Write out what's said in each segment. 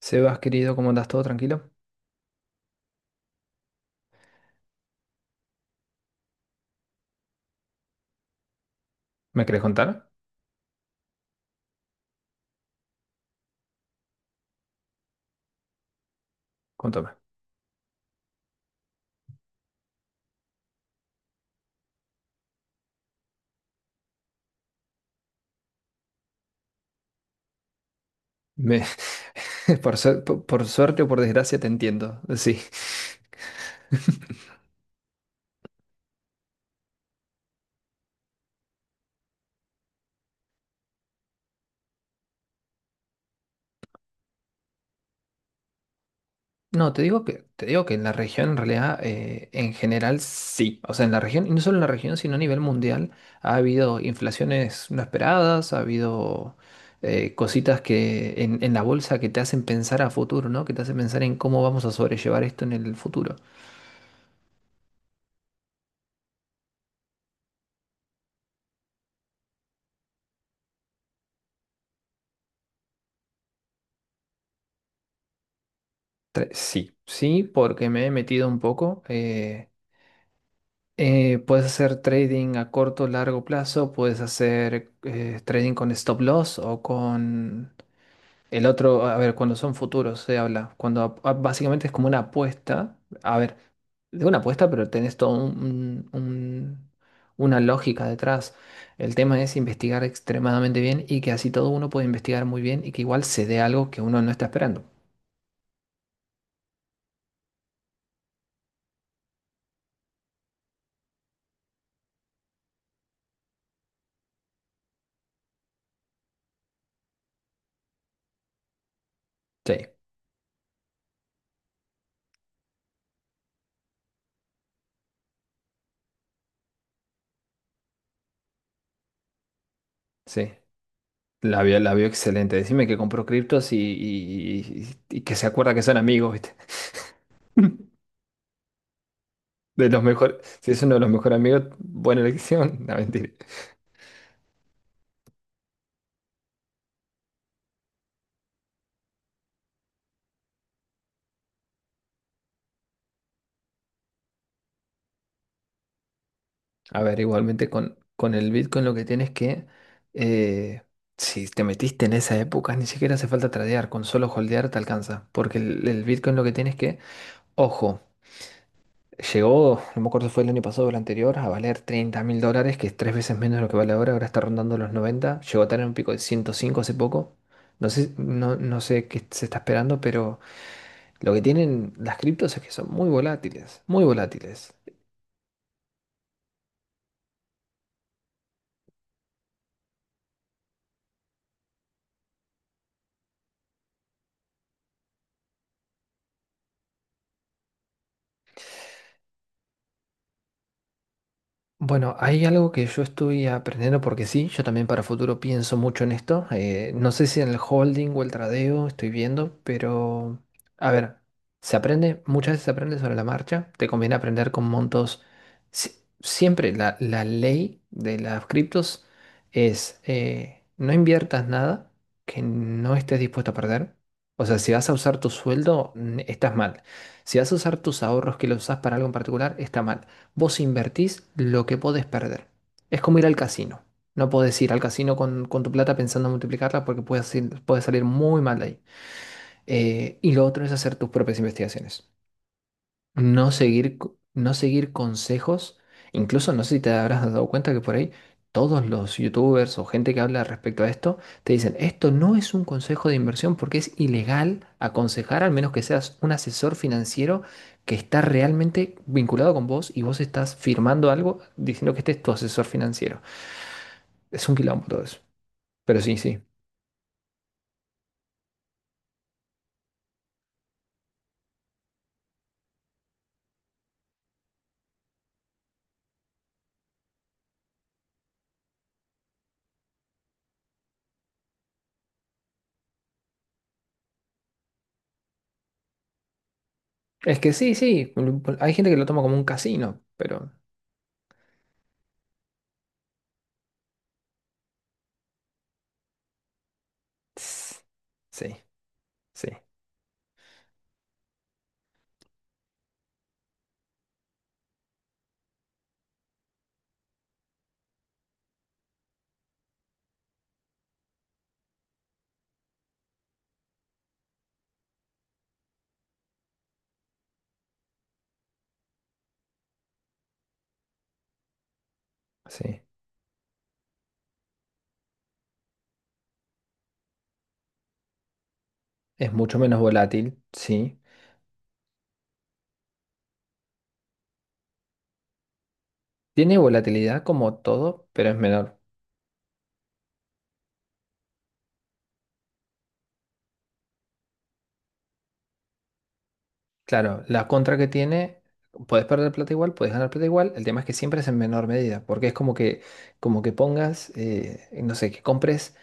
Sebas, querido, ¿cómo andas? ¿Todo tranquilo? ¿Me querés contar? Contame. Me- por suerte o por desgracia te entiendo, sí. No, te digo que en la región, en realidad, en general, sí. O sea, en la región, y no solo en la región, sino a nivel mundial, ha habido inflaciones no esperadas, ha habido cositas que en la bolsa que te hacen pensar a futuro, ¿no? Que te hacen pensar en cómo vamos a sobrellevar esto en el futuro. Sí, sí, porque me he metido un poco. Puedes hacer trading a corto o largo plazo, puedes hacer trading con stop loss o con el otro. A ver, cuando son futuros se habla, cuando básicamente es como una apuesta. A ver, de una apuesta, pero tenés todo una lógica detrás. El tema es investigar extremadamente bien y que así todo uno puede investigar muy bien y que igual se dé algo que uno no está esperando. Sí, sí. La vio excelente. Decime que compró criptos y que se acuerda que son amigos, ¿viste? De los mejores. Si es uno de los mejores amigos, buena elección. No, mentira. A ver, igualmente con el Bitcoin lo que tienes que. eh, si te metiste en esa época, ni siquiera hace falta tradear. Con solo holdear te alcanza. Porque el Bitcoin lo que tienes que. Ojo. Llegó, no me acuerdo si fue el año pasado o el anterior, a valer 30 mil dólares, que es tres veces menos de lo que vale ahora, ahora está rondando los 90. Llegó a tener un pico de 105 hace poco. No sé, no, no sé qué se está esperando, pero lo que tienen las criptos es que son muy volátiles, muy volátiles. Bueno, hay algo que yo estoy aprendiendo porque sí, yo también para futuro pienso mucho en esto. No sé si en el holding o el tradeo estoy viendo, pero a ver, se aprende, muchas veces se aprende sobre la marcha. Te conviene aprender con montos. si- Siempre la ley de las criptos es no inviertas nada que no estés dispuesto a perder. O sea, si vas a usar tu sueldo, estás mal. Si vas a usar tus ahorros que los usas para algo en particular, está mal. Vos invertís lo que podés perder. Es como ir al casino. No podés ir al casino con tu plata pensando en multiplicarla porque puede salir muy mal de ahí. Y lo otro es hacer tus propias investigaciones, no seguir, no seguir consejos. Incluso no sé si te habrás dado cuenta que por ahí todos los youtubers o gente que habla respecto a esto te dicen, esto no es un consejo de inversión porque es ilegal aconsejar, al menos que seas un asesor financiero que está realmente vinculado con vos y vos estás firmando algo diciendo que este es tu asesor financiero. Es un quilombo todo eso. Pero sí, sí. Es que sí, sí. Hay gente que lo toma como un casino, pero... tss, sí, sí, sí. Es mucho menos volátil, sí. Tiene volatilidad como todo, pero es menor. Claro, la contra que tiene, puedes perder plata igual, puedes ganar plata igual. El tema es que siempre es en menor medida, porque es como que pongas, no sé, que compres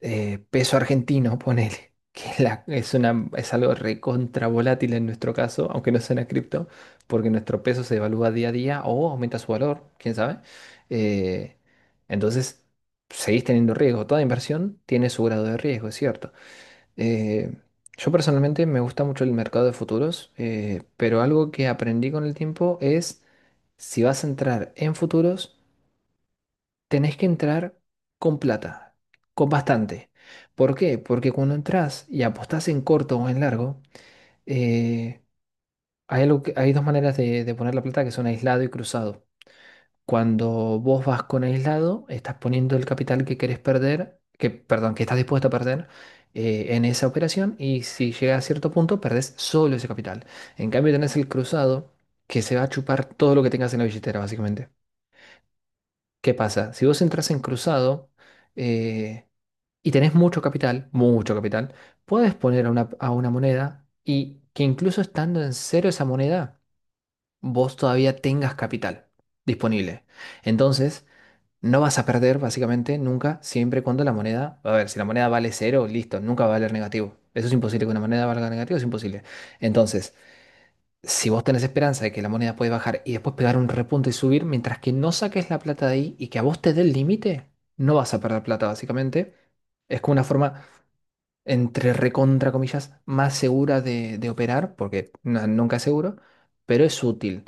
peso argentino, ponele, que es, es una, es algo recontra volátil en nuestro caso, aunque no sea una cripto, porque nuestro peso se devalúa día a día o aumenta su valor, quién sabe. Eh, entonces, seguís teniendo riesgo. Toda inversión tiene su grado de riesgo, es cierto. Eh, yo personalmente me gusta mucho el mercado de futuros, pero algo que aprendí con el tiempo es si vas a entrar en futuros, tenés que entrar con plata, con bastante. ¿Por qué? Porque cuando entras y apostás en corto o en largo, eh, hay algo hay dos maneras de poner la plata que son aislado y cruzado. Cuando vos vas con aislado, estás poniendo el capital que querés perder, que, perdón, que estás dispuesto a perder en esa operación y si llega a cierto punto, perdés solo ese capital. En cambio, tenés el cruzado que se va a chupar todo lo que tengas en la billetera, básicamente. ¿Qué pasa? Si vos entras en cruzado, eh, y tenés mucho capital, puedes poner a una moneda y que incluso estando en cero esa moneda, vos todavía tengas capital disponible. Entonces, no vas a perder básicamente nunca, siempre y cuando la moneda, a ver, si la moneda vale cero, listo, nunca va a valer negativo. Eso es imposible, que una moneda valga negativo es imposible. Entonces, si vos tenés esperanza de que la moneda puede bajar y después pegar un repunte y subir, mientras que no saques la plata de ahí y que a vos te dé el límite, no vas a perder plata básicamente. Es como una forma entre recontra comillas, más segura de operar, porque nunca es seguro, pero es útil.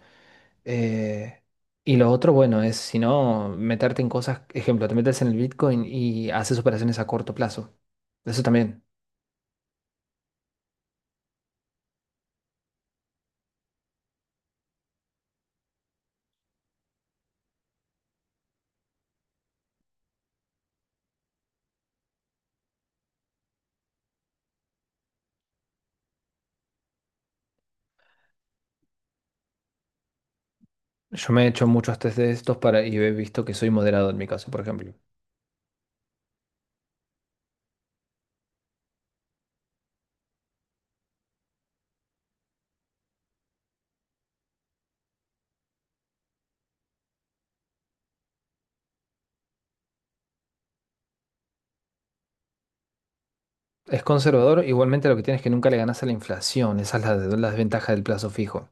Eh, y lo otro, bueno, es si no, meterte en cosas, ejemplo, te metes en el Bitcoin y haces operaciones a corto plazo. Eso también. Yo me he hecho muchos test de estos para, y he visto que soy moderado en mi caso, por ejemplo. Es conservador, igualmente lo que tienes es que nunca le ganas a la inflación. Esa es la, la desventaja del plazo fijo.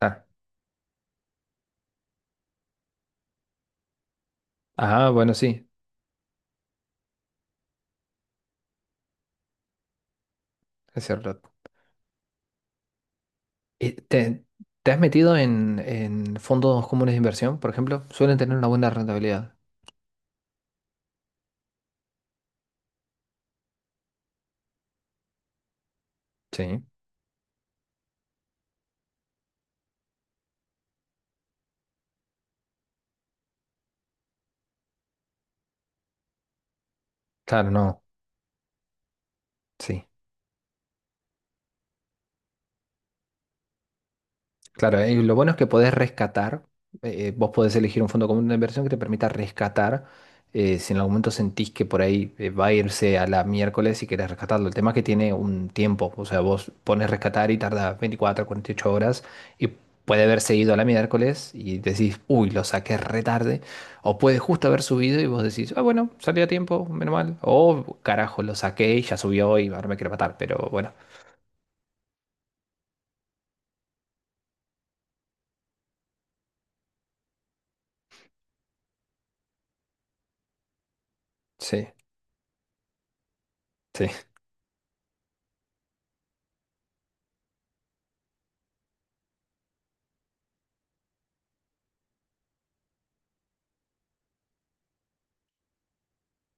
Ah, ah, bueno, sí, es cierto. ¿Te, te has metido en fondos comunes de inversión, por ejemplo? Suelen tener una buena rentabilidad. Sí, claro, no. Sí. Claro, y lo bueno es que podés rescatar, vos podés elegir un fondo común de inversión que te permita rescatar, si en algún momento sentís que por ahí va a irse a la miércoles y querés rescatarlo. El tema es que tiene un tiempo, o sea, vos pones rescatar y tarda 24, 48 horas y puede haberse ido a la miércoles y decís, uy, lo saqué re tarde, o puede justo haber subido y vos decís, ah, bueno, salió a tiempo, menos mal, o carajo, lo saqué y ya subió y ahora me quiero matar, pero bueno, sí, sí.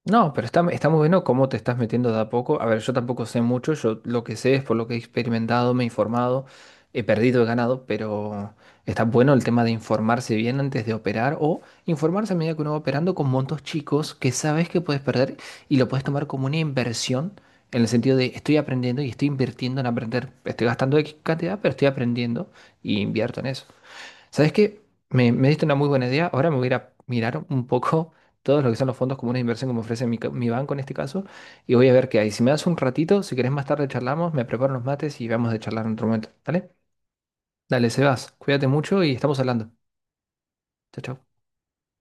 No, pero está, está muy bueno cómo te estás metiendo de a poco. A ver, yo tampoco sé mucho, yo lo que sé es por lo que he experimentado, me he informado, he perdido, he ganado, pero está bueno el tema de informarse bien antes de operar o informarse a medida que uno va operando con montos chicos que sabes que puedes perder y lo puedes tomar como una inversión en el sentido de estoy aprendiendo y estoy invirtiendo en aprender. Estoy gastando X cantidad, pero estoy aprendiendo y invierto en eso. ¿Sabes qué? Me diste una muy buena idea. Ahora me voy a ir a mirar un poco todos lo que son los fondos comunes de inversión que me ofrece mi, mi banco en este caso. Y voy a ver qué hay. Si me das un ratito, si querés más tarde charlamos, me preparo unos mates y vamos a charlar en otro momento. ¿Dale? Dale, Sebas. Cuídate mucho y estamos hablando. Chao, chao.